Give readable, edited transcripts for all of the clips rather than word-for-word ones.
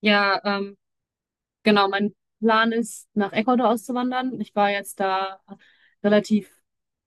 Ja, genau. Mein Plan ist, nach Ecuador auszuwandern. Ich war jetzt da relativ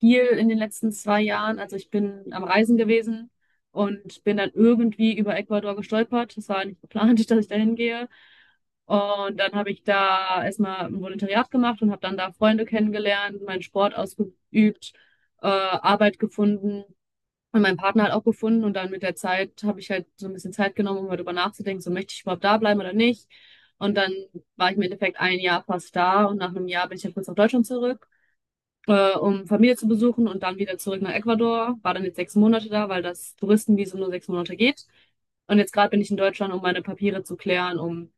viel in den letzten 2 Jahren. Also ich bin am Reisen gewesen und bin dann irgendwie über Ecuador gestolpert. Das war nicht geplant, dass ich da hingehe. Und dann habe ich da erstmal ein Volontariat gemacht und habe dann da Freunde kennengelernt, meinen Sport ausgeübt, Arbeit gefunden. Und meinen Partner halt auch gefunden und dann mit der Zeit habe ich halt so ein bisschen Zeit genommen, um darüber nachzudenken, so möchte ich überhaupt da bleiben oder nicht. Und dann war ich im Endeffekt ein Jahr fast da und nach einem Jahr bin ich ja kurz nach Deutschland zurück, um Familie zu besuchen und dann wieder zurück nach Ecuador. War dann jetzt 6 Monate da, weil das Touristenvisum nur 6 Monate geht. Und jetzt gerade bin ich in Deutschland, um meine Papiere zu klären, um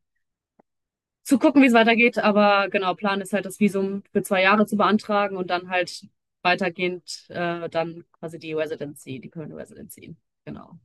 zu gucken, wie es weitergeht. Aber genau, Plan ist halt, das Visum für 2 Jahre zu beantragen und dann halt weitergehend dann quasi die Residency, die Permanent Residency. Genau.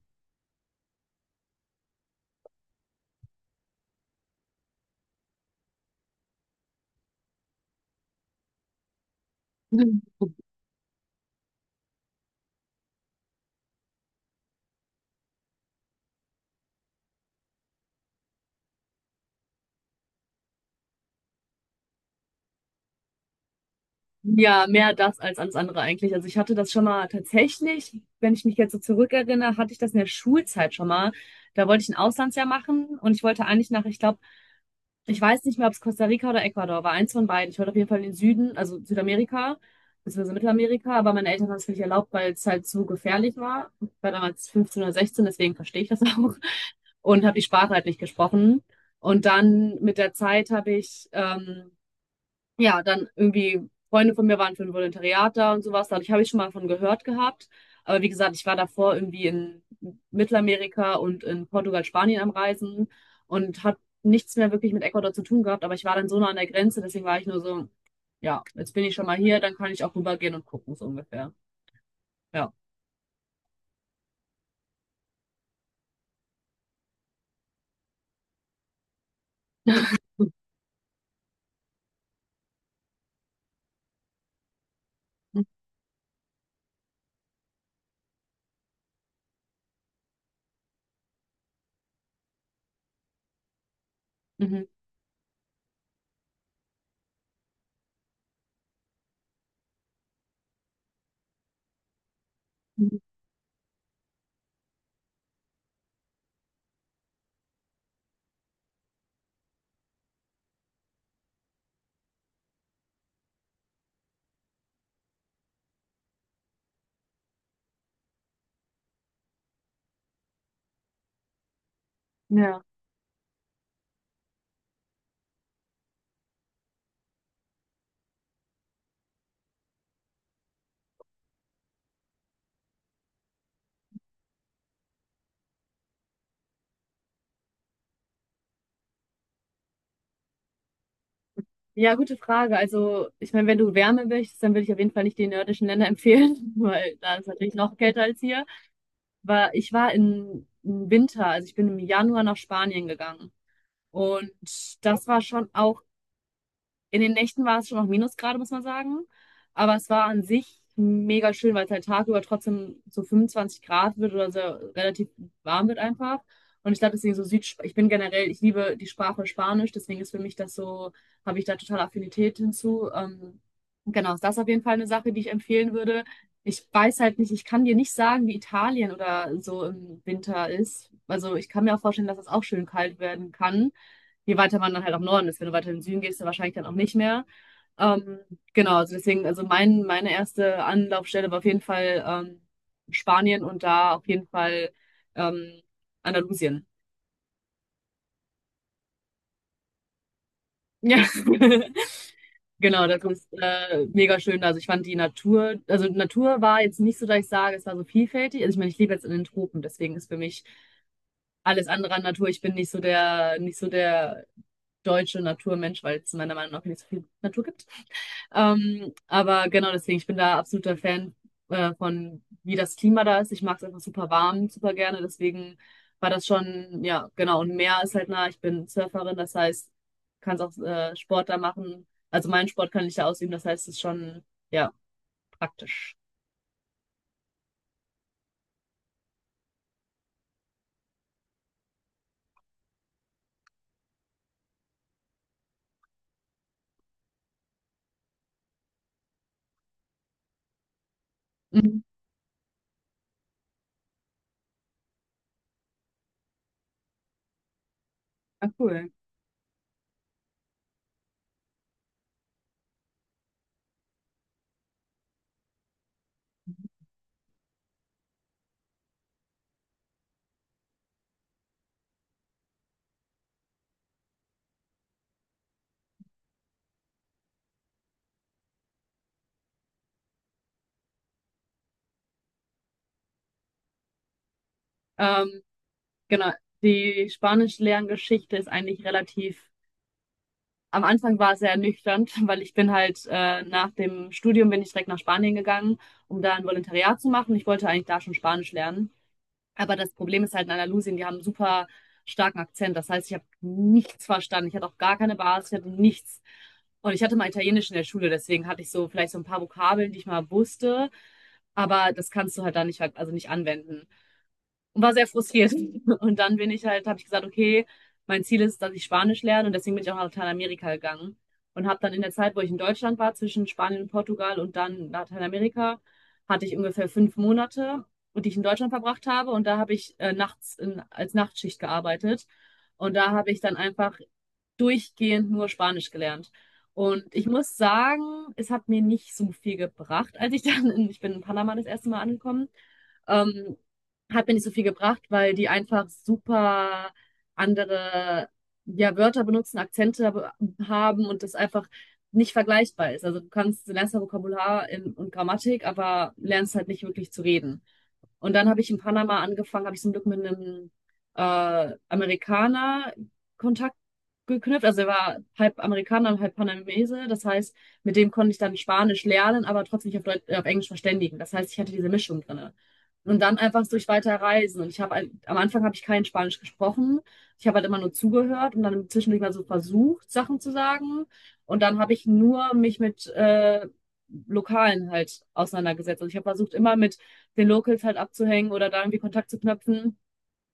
Ja, mehr das als ans andere eigentlich. Also ich hatte das schon mal tatsächlich, wenn ich mich jetzt so zurückerinnere, hatte ich das in der Schulzeit schon mal. Da wollte ich ein Auslandsjahr machen und ich wollte eigentlich nach, ich glaube, ich weiß nicht mehr, ob es Costa Rica oder Ecuador war, eins von beiden. Ich wollte auf jeden Fall in den Süden, also Südamerika, beziehungsweise Mittelamerika, aber meine Eltern haben es mir nicht erlaubt, weil es halt zu gefährlich war. Ich war damals 15 oder 16, deswegen verstehe ich das auch und habe die Sprache halt nicht gesprochen. Und dann mit der Zeit habe ich ja, dann irgendwie, Freunde von mir waren für ein Volontariat da und sowas. Dadurch habe ich schon mal von gehört gehabt. Aber wie gesagt, ich war davor irgendwie in Mittelamerika und in Portugal, Spanien am Reisen und hat nichts mehr wirklich mit Ecuador zu tun gehabt. Aber ich war dann so nah an der Grenze, deswegen war ich nur so, ja, jetzt bin ich schon mal hier, dann kann ich auch rübergehen und gucken, so ungefähr. Ja. Mhm. Mhm. Ja. Ja, gute Frage. Also, ich meine, wenn du Wärme willst, dann würde ich auf jeden Fall nicht die nördischen Länder empfehlen, weil da ist natürlich noch kälter als hier. Ich war im Winter, also ich bin im Januar nach Spanien gegangen. Und das war schon auch, in den Nächten war es schon noch Minusgrade, muss man sagen. Aber es war an sich mega schön, weil es halt tagüber trotzdem so 25 Grad wird oder so relativ warm wird einfach. Und ich glaube, deswegen so Süd, ich bin generell, ich liebe die Sprache Spanisch, deswegen ist für mich das so, habe ich da total Affinität hinzu. Genau, ist das auf jeden Fall eine Sache, die ich empfehlen würde. Ich weiß halt nicht, ich kann dir nicht sagen, wie Italien oder so im Winter ist. Also ich kann mir auch vorstellen, dass es auch schön kalt werden kann, je weiter man dann halt auch im Norden ist. Wenn du weiter in den Süden gehst, dann wahrscheinlich dann auch nicht mehr. Ähm, genau, also deswegen, also mein, meine erste Anlaufstelle war auf jeden Fall Spanien und da auf jeden Fall ähm, Andalusien. Ja, genau, das ist mega schön. Also ich fand die Natur, also Natur war jetzt nicht so, dass ich sage, es war so vielfältig. Also ich meine, ich lebe jetzt in den Tropen, deswegen ist für mich alles andere an Natur. Ich bin nicht so der, deutsche Naturmensch, weil es meiner Meinung nach nicht so viel Natur gibt. Aber genau deswegen, ich bin da absoluter Fan von, wie das Klima da ist. Ich mag es einfach super warm, super gerne. Deswegen war das schon, ja, genau. Und Meer ist halt nah. Ich bin Surferin, das heißt, kann auch Sport da machen. Also meinen Sport kann ich da ausüben, das heißt, es ist schon, ja, praktisch. Mhm. Ah, cool. Ähm, genau. Die Spanisch-Lerngeschichte ist eigentlich relativ. Am Anfang war es sehr ernüchternd, weil ich bin halt nach dem Studium bin ich direkt nach Spanien gegangen, um da ein Volontariat zu machen. Ich wollte eigentlich da schon Spanisch lernen. Aber das Problem ist halt in Andalusien, die haben einen super starken Akzent. Das heißt, ich habe nichts verstanden. Ich hatte auch gar keine Basis, ich hatte nichts. Und ich hatte mal Italienisch in der Schule, deswegen hatte ich so vielleicht so ein paar Vokabeln, die ich mal wusste. Aber das kannst du halt da nicht, halt- also nicht anwenden und war sehr frustriert. Und dann bin ich halt, habe ich gesagt, okay, mein Ziel ist, dass ich Spanisch lerne und deswegen bin ich auch nach Lateinamerika gegangen und habe dann in der Zeit, wo ich in Deutschland war, zwischen Spanien und Portugal und dann Lateinamerika, hatte ich ungefähr 5 Monate, die ich in Deutschland verbracht habe und da habe ich nachts als Nachtschicht gearbeitet und da habe ich dann einfach durchgehend nur Spanisch gelernt. Und ich muss sagen, es hat mir nicht so viel gebracht, als ich dann ich bin in Panama das erste Mal angekommen, ähm, hat mir nicht so viel gebracht, weil die einfach super andere, ja, Wörter benutzen, Akzente haben und das einfach nicht vergleichbar ist. Also du kannst, du lernst ja Vokabular und Grammatik, aber lernst halt nicht wirklich zu reden. Und dann habe ich in Panama angefangen, habe ich zum Glück mit einem Amerikaner Kontakt geknüpft. Also er war halb Amerikaner und halb Panamese. Das heißt, mit dem konnte ich dann Spanisch lernen, aber trotzdem mich auf Englisch verständigen. Das heißt, ich hatte diese Mischung drinne. Und dann einfach durch weiter Reisen. Und ich habe am Anfang habe ich kein Spanisch gesprochen. Ich habe halt immer nur zugehört und dann zwischendurch mal so versucht, Sachen zu sagen. Und dann habe ich nur mich mit Lokalen halt auseinandergesetzt. Also ich habe versucht, immer mit den Locals halt abzuhängen oder da irgendwie Kontakt zu knüpfen.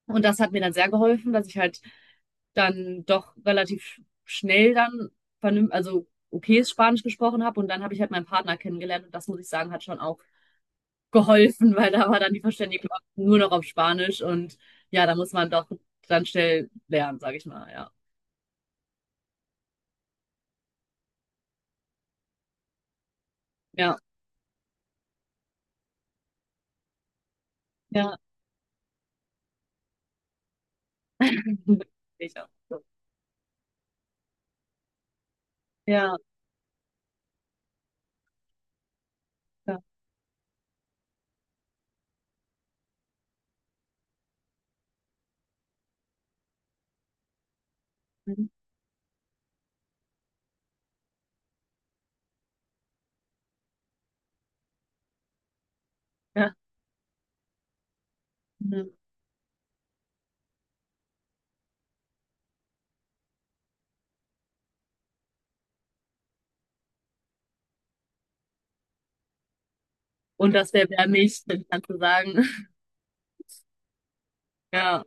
Und das hat mir dann sehr geholfen, dass ich halt dann doch relativ schnell dann vernünftig, also okayes Spanisch gesprochen habe. Und dann habe ich halt meinen Partner kennengelernt. Und das muss ich sagen, hat schon auch geholfen, weil da war dann die Verständigung nur noch auf Spanisch. Und ja, da muss man doch dann schnell lernen, sage ich mal. Ja, ja, ja. Sicher. Ja, ja. Ja. Und das wäre wär mich, wenn ich dann kannst sagen. Ja.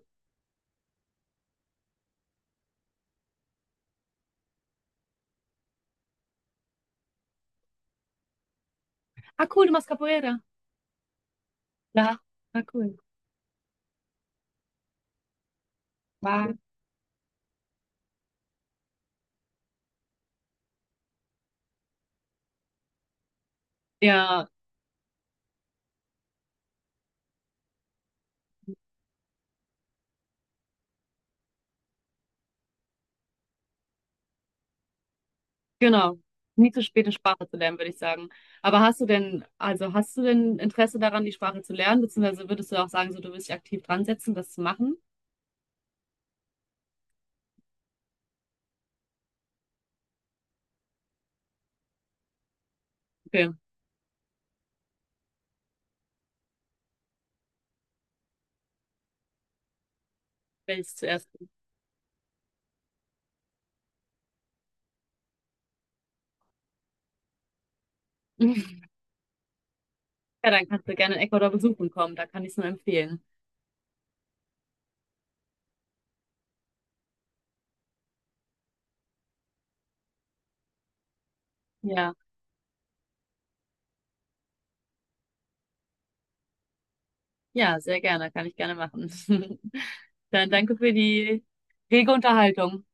Ah, cool, du machst Capoeira. Ja, na cool. War. Ja, genau. Nie zu spät, eine Sprache zu lernen, würde ich sagen. Aber hast du denn, also hast du denn Interesse daran, die Sprache zu lernen? Beziehungsweise würdest du auch sagen, so du willst dich aktiv dran setzen, das zu machen? Okay, willst ich zuerst. Ja, dann kannst du gerne in Ecuador besuchen kommen, da kann ich es nur empfehlen. Ja, ja, sehr gerne, kann ich gerne machen. Dann danke für die rege Unterhaltung.